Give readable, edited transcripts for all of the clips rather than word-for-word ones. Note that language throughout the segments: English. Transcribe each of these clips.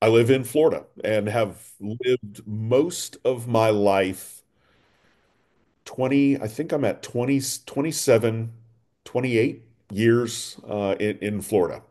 I live in Florida and have lived most of my life. 20, I think I'm at 20, 27, 28 years in Florida.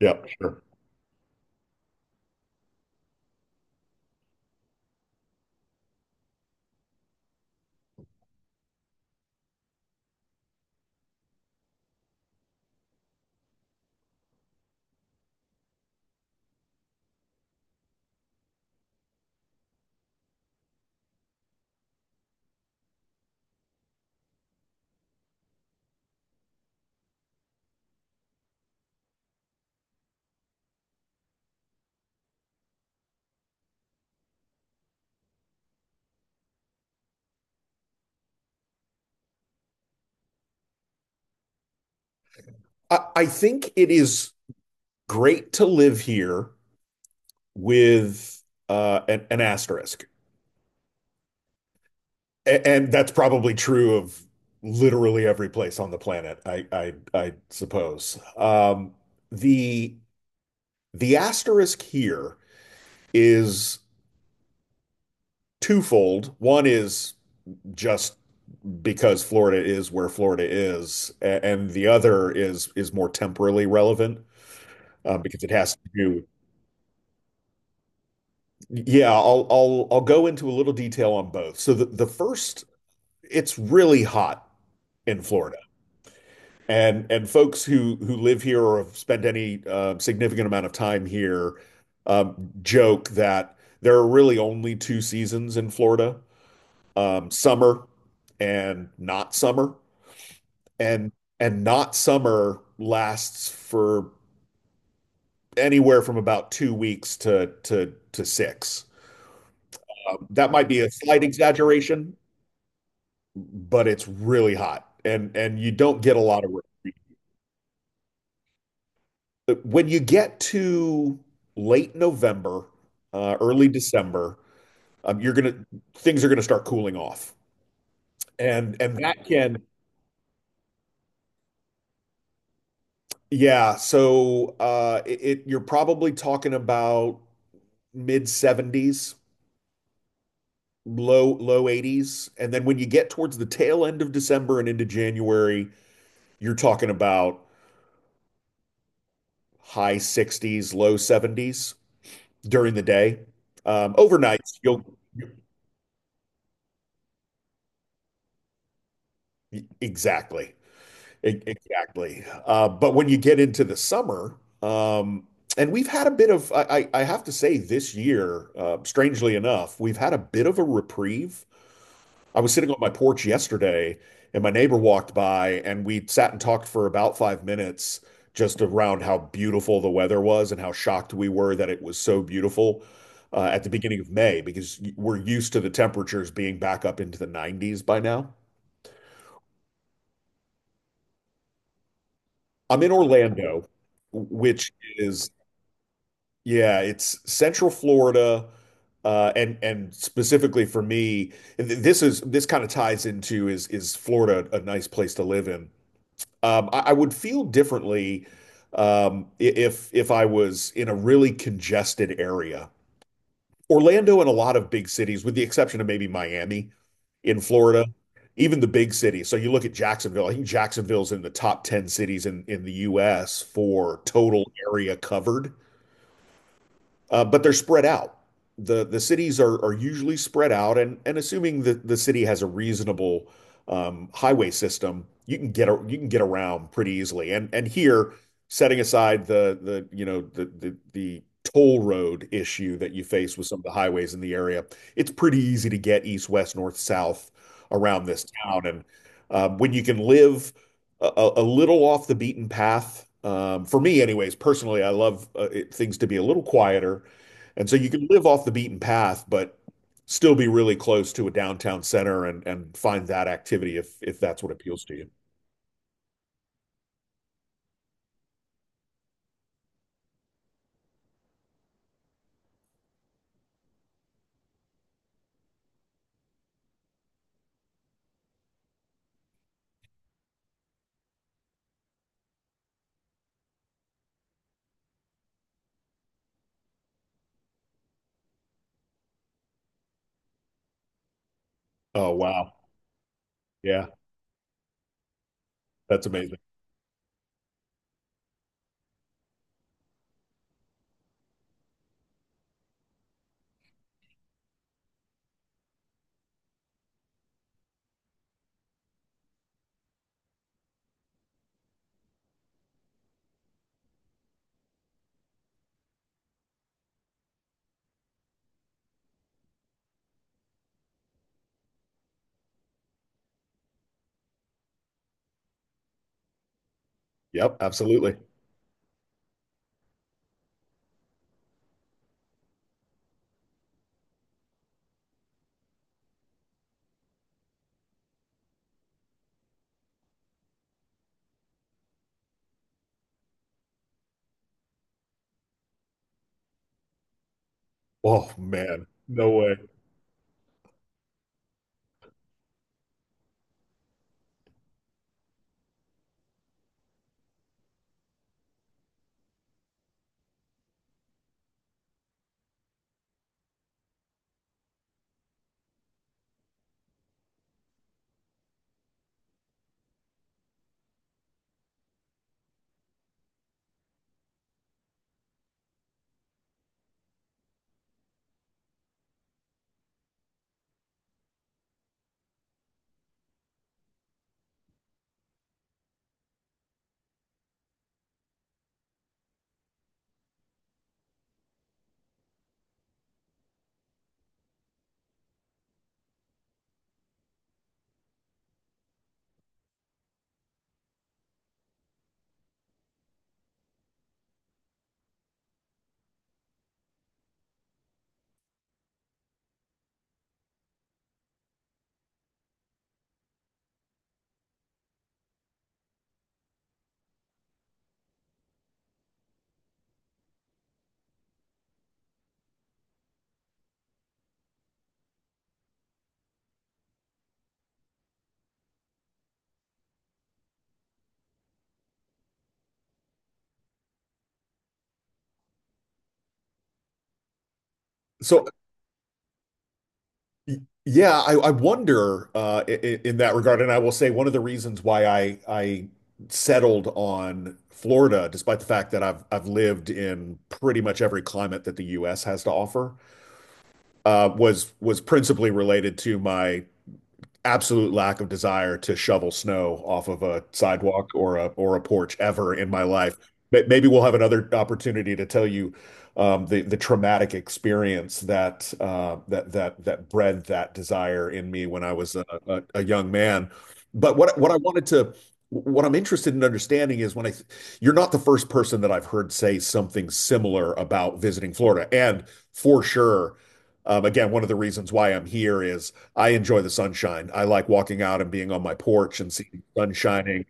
Yeah, sure. I think it is great to live here with an asterisk. And that's probably true of literally every place on the planet, I suppose. The, the asterisk here is twofold. One is just because Florida is where Florida is, and the other is more temporally relevant, because it has to do. Yeah, I'll go into a little detail on both. So the first, it's really hot in Florida, and folks who live here or have spent any significant amount of time here um, joke that there are really only two seasons in Florida: summer and not summer. and and not summer lasts for anywhere from about 2 weeks to 6. That might be a slight exaggeration, but it's really hot, and you don't get a lot of relief. But when you get to late November, early December, you're gonna things are gonna start cooling off, and that can. Yeah. So it, it you're probably talking about mid 70s, low 80s, and then when you get towards the tail end of December and into January you're talking about high 60s, low 70s during the day. Overnight you'll. Exactly. Exactly. But when you get into the summer, um and we've had a bit of. I have to say, this year, strangely enough, we've had a bit of a reprieve. I was sitting on my porch yesterday, and my neighbor walked by, and we sat and talked for about 5 minutes just around how beautiful the weather was and how shocked we were that it was so beautiful at the beginning of May, because we're used to the temperatures being back up into the 90s by now. I'm in Orlando, which is, yeah, it's Central Florida. And specifically for me, this kind of ties into: is Florida a nice place to live in? I would feel differently if I was in a really congested area. Orlando and a lot of big cities, with the exception of maybe Miami in Florida, even the big cities. So you look at Jacksonville. I think Jacksonville's in the top 10 cities in the US for total area covered. But they're spread out. The cities are usually spread out, and assuming that the city has a reasonable highway system, you can get around pretty easily. And here, setting aside the the toll road issue that you face with some of the highways in the area, it's pretty easy to get east, west, north, south around this town. And when you can live a little off the beaten path. For me, anyways, personally, I love, things to be a little quieter. And so you can live off the beaten path, but still be really close to a downtown center and find that activity if that's what appeals to you. Oh, wow. Yeah, that's amazing. Yep, absolutely. Oh, man. No way. So, yeah, I wonder, in that regard, and I will say one of the reasons why I settled on Florida, despite the fact that I've lived in pretty much every climate that the U.S. has to offer, was principally related to my absolute lack of desire to shovel snow off of a sidewalk or a porch ever in my life. But maybe we'll have another opportunity to tell you the traumatic experience that bred that desire in me when I was a young man. But what I'm interested in understanding is, when I you're not the first person that I've heard say something similar about visiting Florida, and for sure. Again, one of the reasons why I'm here is I enjoy the sunshine. I like walking out and being on my porch and seeing the sun shining.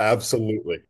Absolutely.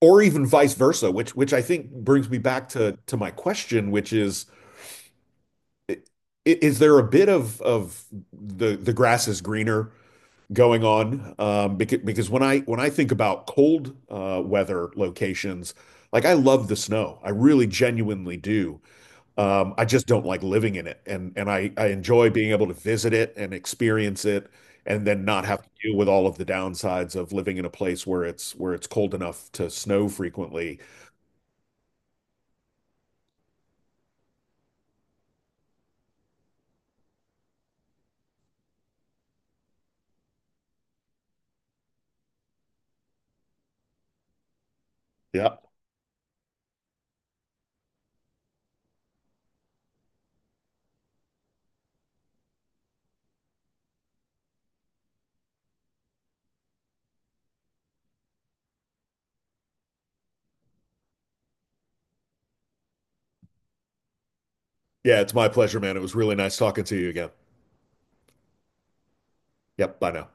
Or even vice versa, which I think brings me back to my question, which is, i- is there a bit of the grass is greener going on, because when I think about cold weather locations, like, I love the snow. I really genuinely do. I just don't like living in it. And I enjoy being able to visit it and experience it and then not have to deal with all of the downsides of living in a place where it's cold enough to snow frequently. Yep. Yeah, it's my pleasure, man. It was really nice talking to you again. Yep. Bye now.